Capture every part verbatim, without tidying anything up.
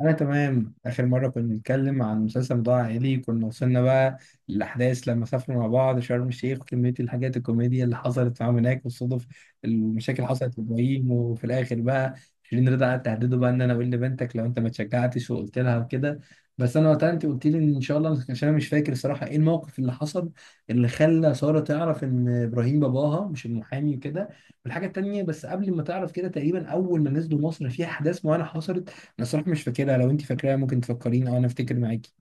أنا تمام. آخر مرة كنا بنتكلم عن مسلسل موضوع عائلي كنا وصلنا بقى للأحداث لما سافروا مع بعض شرم الشيخ، وكمية الحاجات الكوميديا اللي حصلت معاهم هناك والصدف، المشاكل اللي حصلت لإبراهيم. وفي الآخر بقى شيرين رضا قعدت تهدده بقى إن أنا أقول لبنتك لو أنت ما اتشجعتش وقلت لها وكده. بس أنا وقتها أنت قلت لي إن إن شاء الله، عشان أنا مش فاكر الصراحة إيه الموقف اللي حصل اللي خلى سارة تعرف إن إبراهيم باباها مش المحامي وكده. والحاجة التانية، بس قبل ما تعرف كده، تقريبا أول ما نزلوا مصر في أحداث معينة حصلت. انا صراحه مش فاكرها، لو انت فاكراها ممكن تفكريني او انا افتكر معاكي.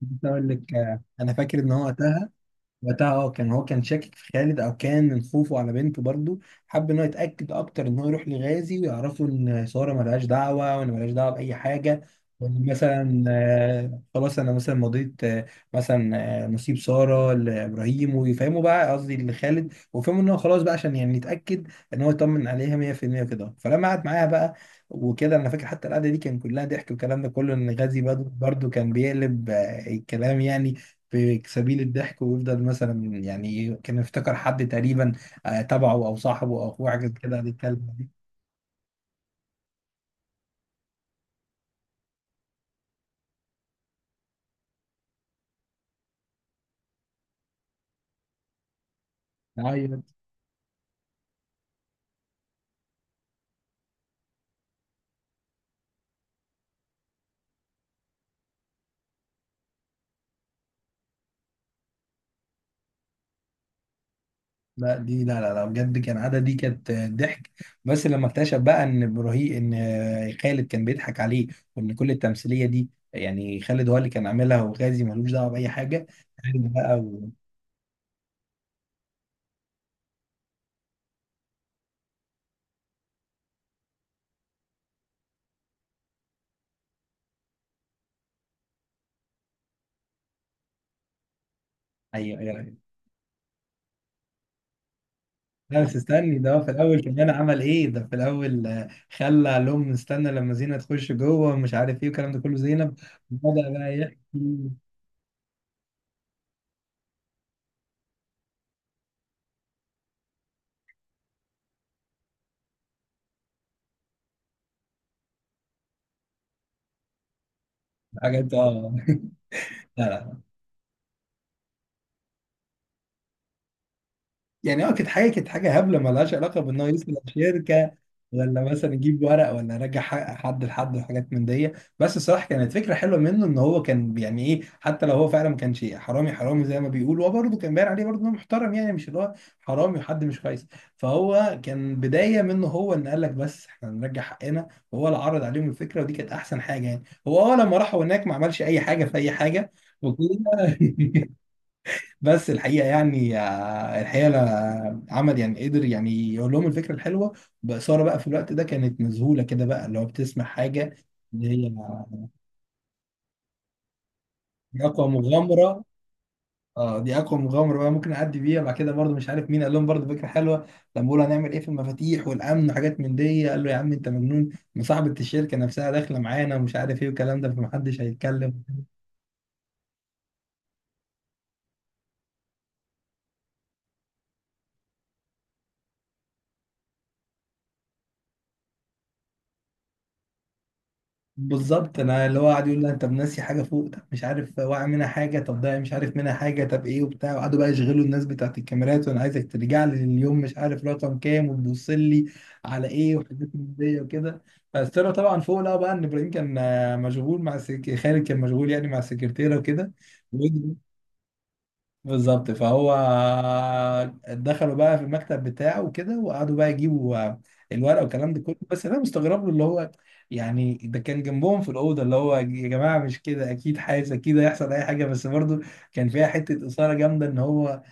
بس اقول لك، آه، انا فاكر ان هو وقتها. وقتها اه كان هو كان شاكك في خالد، او كان من خوفه على بنته، برضه حب ان هو يتاكد اكتر، ان هو يروح لغازي ويعرفوا ان ساره ملهاش دعوه، وان ملهاش دعوه باي حاجه. وان مثلا، آه، خلاص، انا مثلا مضيت، آه، مثلا آه، نصيب ساره لابراهيم، ويفهموا بقى، قصدي لخالد، ويفهموا ان هو خلاص بقى، عشان يعني يتاكد ان هو يطمن عليها مية في المية كده. فلما قعد معاها بقى وكده، انا فاكر حتى القعده دي كان كلها ضحك، والكلام ده كله، ان غازي برضه برضه كان بيقلب آه، الكلام يعني في سبيل الضحك، ويفضل مثلا، يعني كان يفتكر حد تقريبا آه، تبعه، او صاحبه، او اخوه، حاجه كده قاعد يتكلم دي. عيط. لا، دي لا لا لا، بجد كان عادة، دي كانت آه، ضحك. بس لما اكتشف بقى ان ابراهيم ان آه، خالد كان بيضحك عليه، وان كل التمثيليه دي يعني خالد هو اللي كان عاملها، وغازي ملوش دعوه باي حاجه. خالد بقى و... ايوه، أيوه، أيوه. لا بس استني، ده هو في الاول كمان عمل ايه؟ ده في الاول آه، خلى قال لهم استنى لما زينة تخش جوه، ومش عارف ايه والكلام ده كله، زينب. وبدأ بقى يحكي حاجات اه لا لا، يعني اه كانت حاجه كانت حاجه هبله مالهاش علاقه بان هو يسند شركه، ولا مثلا يجيب ورق، ولا يرجع حق- حد لحد، وحاجات من دي. بس الصراحه كانت فكره حلوه منه، ان هو كان يعني ايه، حتى لو هو فعلا ما كانش حرامي حرامي زي ما بيقول، هو برضه كان باين عليه برضه انه محترم، يعني مش اللي هو حرامي وحد مش كويس. فهو كان بدايه منه هو، ان قال لك بس احنا هنرجع حقنا، وهو اللي عرض عليهم الفكره، ودي كانت احسن حاجه. يعني هو اه لما راحوا هناك ما عملش اي حاجه في اي حاجه وكده بس الحقيقه يعني آه، الحقيقه أنا- عمل يعني، قدر يعني يقول لهم الفكره الحلوه بإثارة بقى. في الوقت ده كانت مذهوله كده بقى، اللي هو بتسمع حاجه، اللي هي دي اقوى مغامره. اه دي اقوى مغامره بقى ممكن اعدي بيها بعد كده. برضو مش عارف مين قال لهم برضو فكره حلوه، لما بيقولوا هنعمل ايه في المفاتيح والامن وحاجات من دي، قال له يا عم انت مجنون، مصاحبه الشركه نفسها داخله معانا، ومش عارف ايه والكلام ده، فمحدش هيتكلم. بالظبط، انا اللي هو قاعد يقول لي انت ناسي حاجه فوق، طب مش عارف واقع منها حاجه، طب ده مش عارف منها حاجه، طب ايه وبتاع. وقعدوا بقى يشغلوا الناس بتاعت الكاميرات، وانا عايزك ترجع لي لليوم مش عارف رقم كام، وتبص لي على ايه، وحاجات من دي وكده. بس طلع طبعا فوق، لقى بقى ان ابراهيم كان آه، مشغول مع السك... خالد كان مشغول يعني مع السكرتيره وكده. بالظبط. فهو دخلوا بقى في المكتب بتاعه وكده، وقعدوا بقى يجيبوا الورقه والكلام ده كله. بس انا مستغرب له، اللي هو يعني ده كان جنبهم في الاوضه، اللي هو يا جماعه مش كده، اكيد حاسس اكيد هيحصل اي حاجه. بس برضو كان فيها حته اثاره جامده ان هو.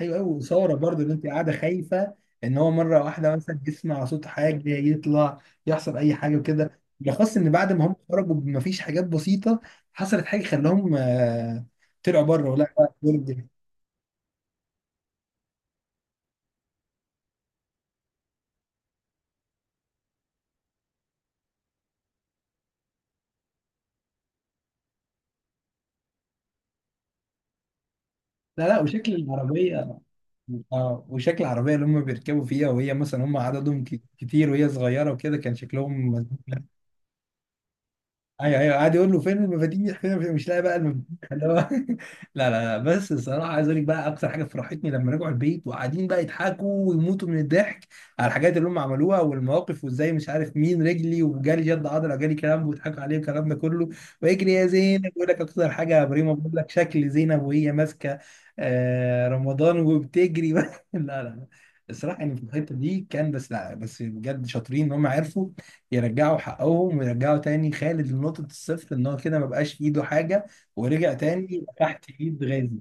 ايوه ايوه، اثاره برضو ان انت قاعده خايفه ان هو مره واحده مثلا يسمع صوت حاجه يطلع، يحصل اي حاجه وكده. بالاخص ان بعد ما هم خرجوا مفيش حاجات بسيطه، حصلت حاجه خلاهم آه، طلعوا بره. ولا لا لا، وشكل العربية. اه وشكل العربية اللي هم بيركبوا فيها، وهي مثلا هم عددهم ك- كتير وهي صغيرة وكده كان شكلهم. ايوه ايوه، قاعد يقول له فين المفاتيح فين المفاتيح؟ مش لاقي بقى المفاتيح اللي هو لا لا لا، بس الصراحه عايز اقول لك بقى اكتر حاجه فرحتني لما رجعوا البيت وقاعدين بقى يضحكوا ويموتوا من الضحك، على الحاجات اللي هم عملوها والمواقف، وازاي مش عارف مين رجلي وجالي جد عضله جالي كلام، ويضحكوا عليه والكلام ده كله. ويجري يا زينب، يقول لك اكتر حاجه يا بريمه، بيقول لك شكل زينب وهي ماسكه آه رمضان وبتجري لا لا لا، الصراحه يعني في الحته دي كان بس، لا بس بجد شاطرين ان هم عرفوا يرجعوا حقهم، ويرجعوا تاني خالد لنقطة الصفر، ان هو كده ما بقاش في ايده حاجة، ورجع تاني يبقى تحت ايد غازي.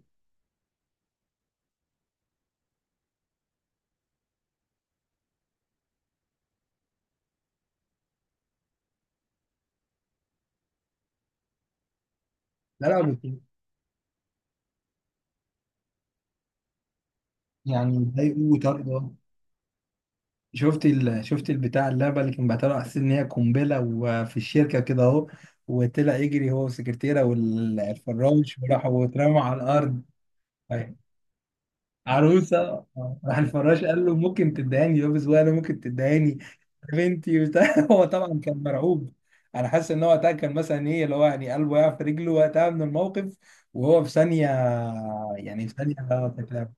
لا لا، بس يعني ضايقوه وطردوا. شفت ال... شفت البتاع، اللعبة اللي كان بعتها له على أساس ان هي قنبلة، وفي الشركة كده اهو، وطلع يجري هو والسكرتيرة والفراش، وراحوا واترموا على الأرض. عروسه. آه، راح الفراش قال له ممكن تدهني يابس، وانا ممكن تدهني يا بنتي وبتاع هو طبعا كان مرعوب. انا حاسس ان هو وقتها كان مثلا ايه، اللي هو يعني قلبه يقع في رجله وقتها من الموقف وهو في ثانيه، يعني في ثانيه. آه، كانت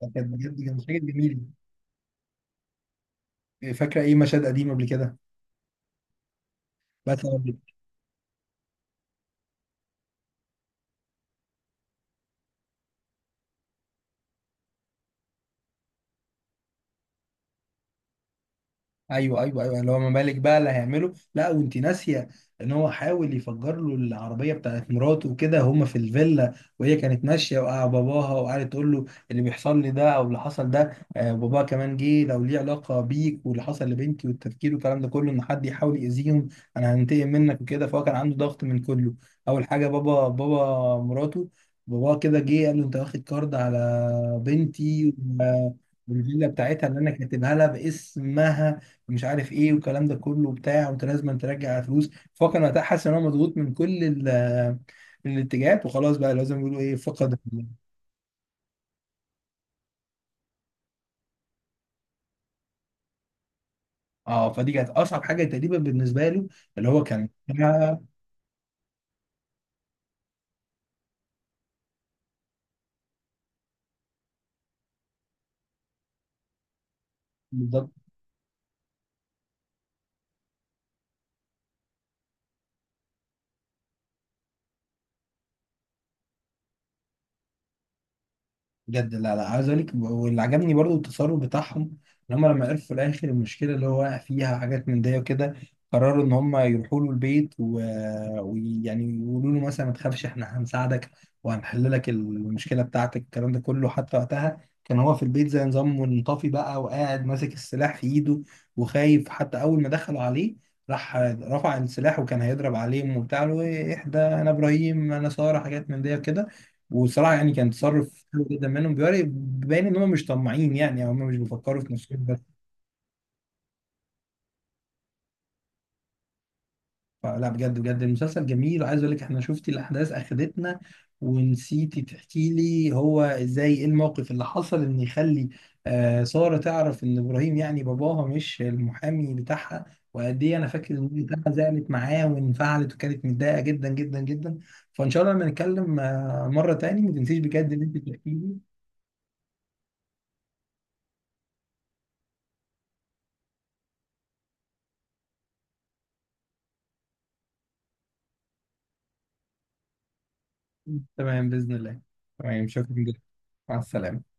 كانت بجد كانت مشاهد جميله. فاكره ايه مشاهد قديمه قبل كده مثلا؟ ايوه ايوه ايوه، اللي هو ما بالك بقى اللي هيعمله. لا وانت ناسيه ان هو حاول يفجر له العربيه بتاعت مراته وكده، هما في الفيلا وهي كانت ماشيه، وقع باباها وقعدت تقول له اللي بيحصل لي ده او اللي حصل ده، آه باباها كمان جه، لو ليه علاقه بيك واللي حصل لبنتي والتفكير والكلام ده كله، ان حد يحاول يأذيهم، انا هنتقم منك وكده. فهو كان عنده ضغط من كله، اول حاجه بابا، بابا مراته، بابا كده جه قال له انت واخد كارد على بنتي و- والفيلا بتاعتها اللي انا كاتبها لها باسمها، مش عارف ايه والكلام ده كله وبتاع، وانت لازم ترجع فلوس. فهو كان وقتها حاسس ان هو مضغوط من كل ال- الاتجاهات، وخلاص بقى لازم يقولوا ايه، فقد ال- اه فدي كانت اصعب حاجه تقريبا بالنسبه له، اللي هو كان. بالظبط بجد. لا لا، عايز اقول لك واللي عجبني برضو التصرف بتاعهم، ان هم لما عرفوا في الاخر المشكله اللي هو واقع فيها حاجات من دي وكده، قرروا ان هم يروحوا له البيت و- ويعني يقولوا له مثلا ما تخافش احنا هنساعدك، وهنحل لك المشكله بتاعتك الكلام ده كله. حتى وقتها كان هو في البيت زي نظام منطفي بقى، وقاعد ماسك السلاح في ايده وخايف. حتى اول ما دخلوا عليه راح رفع السلاح وكان هيضرب عليهم وبتاع، له ايه، اهدى، انا ابراهيم، انا ساره، حاجات من دي وكده. وصراحة يعني كان تصرف حلو جدا منهم، بيوري باين ان هم مش طماعين يعني، او هم مش بيفكروا في نفسهم بس. فلا بجد بجد المسلسل جميل. وعايز اقول لك، احنا شفتي الاحداث اخدتنا، ونسيتي تحكي لي هو ازاي ايه الموقف اللي حصل ان يخلي آه سارة تعرف ان ابراهيم يعني باباها مش المحامي بتاعها، وقد ايه. انا فاكر ان دي بتاعها زعلت معاه وانفعلت، وكانت متضايقة جدا جدا جدا. فان شاء الله لما نتكلم آه مرة تاني، ما تنسيش بجد ان انت تحكي لي. تمام بإذن الله. تمام، شكرا. مع السلامة.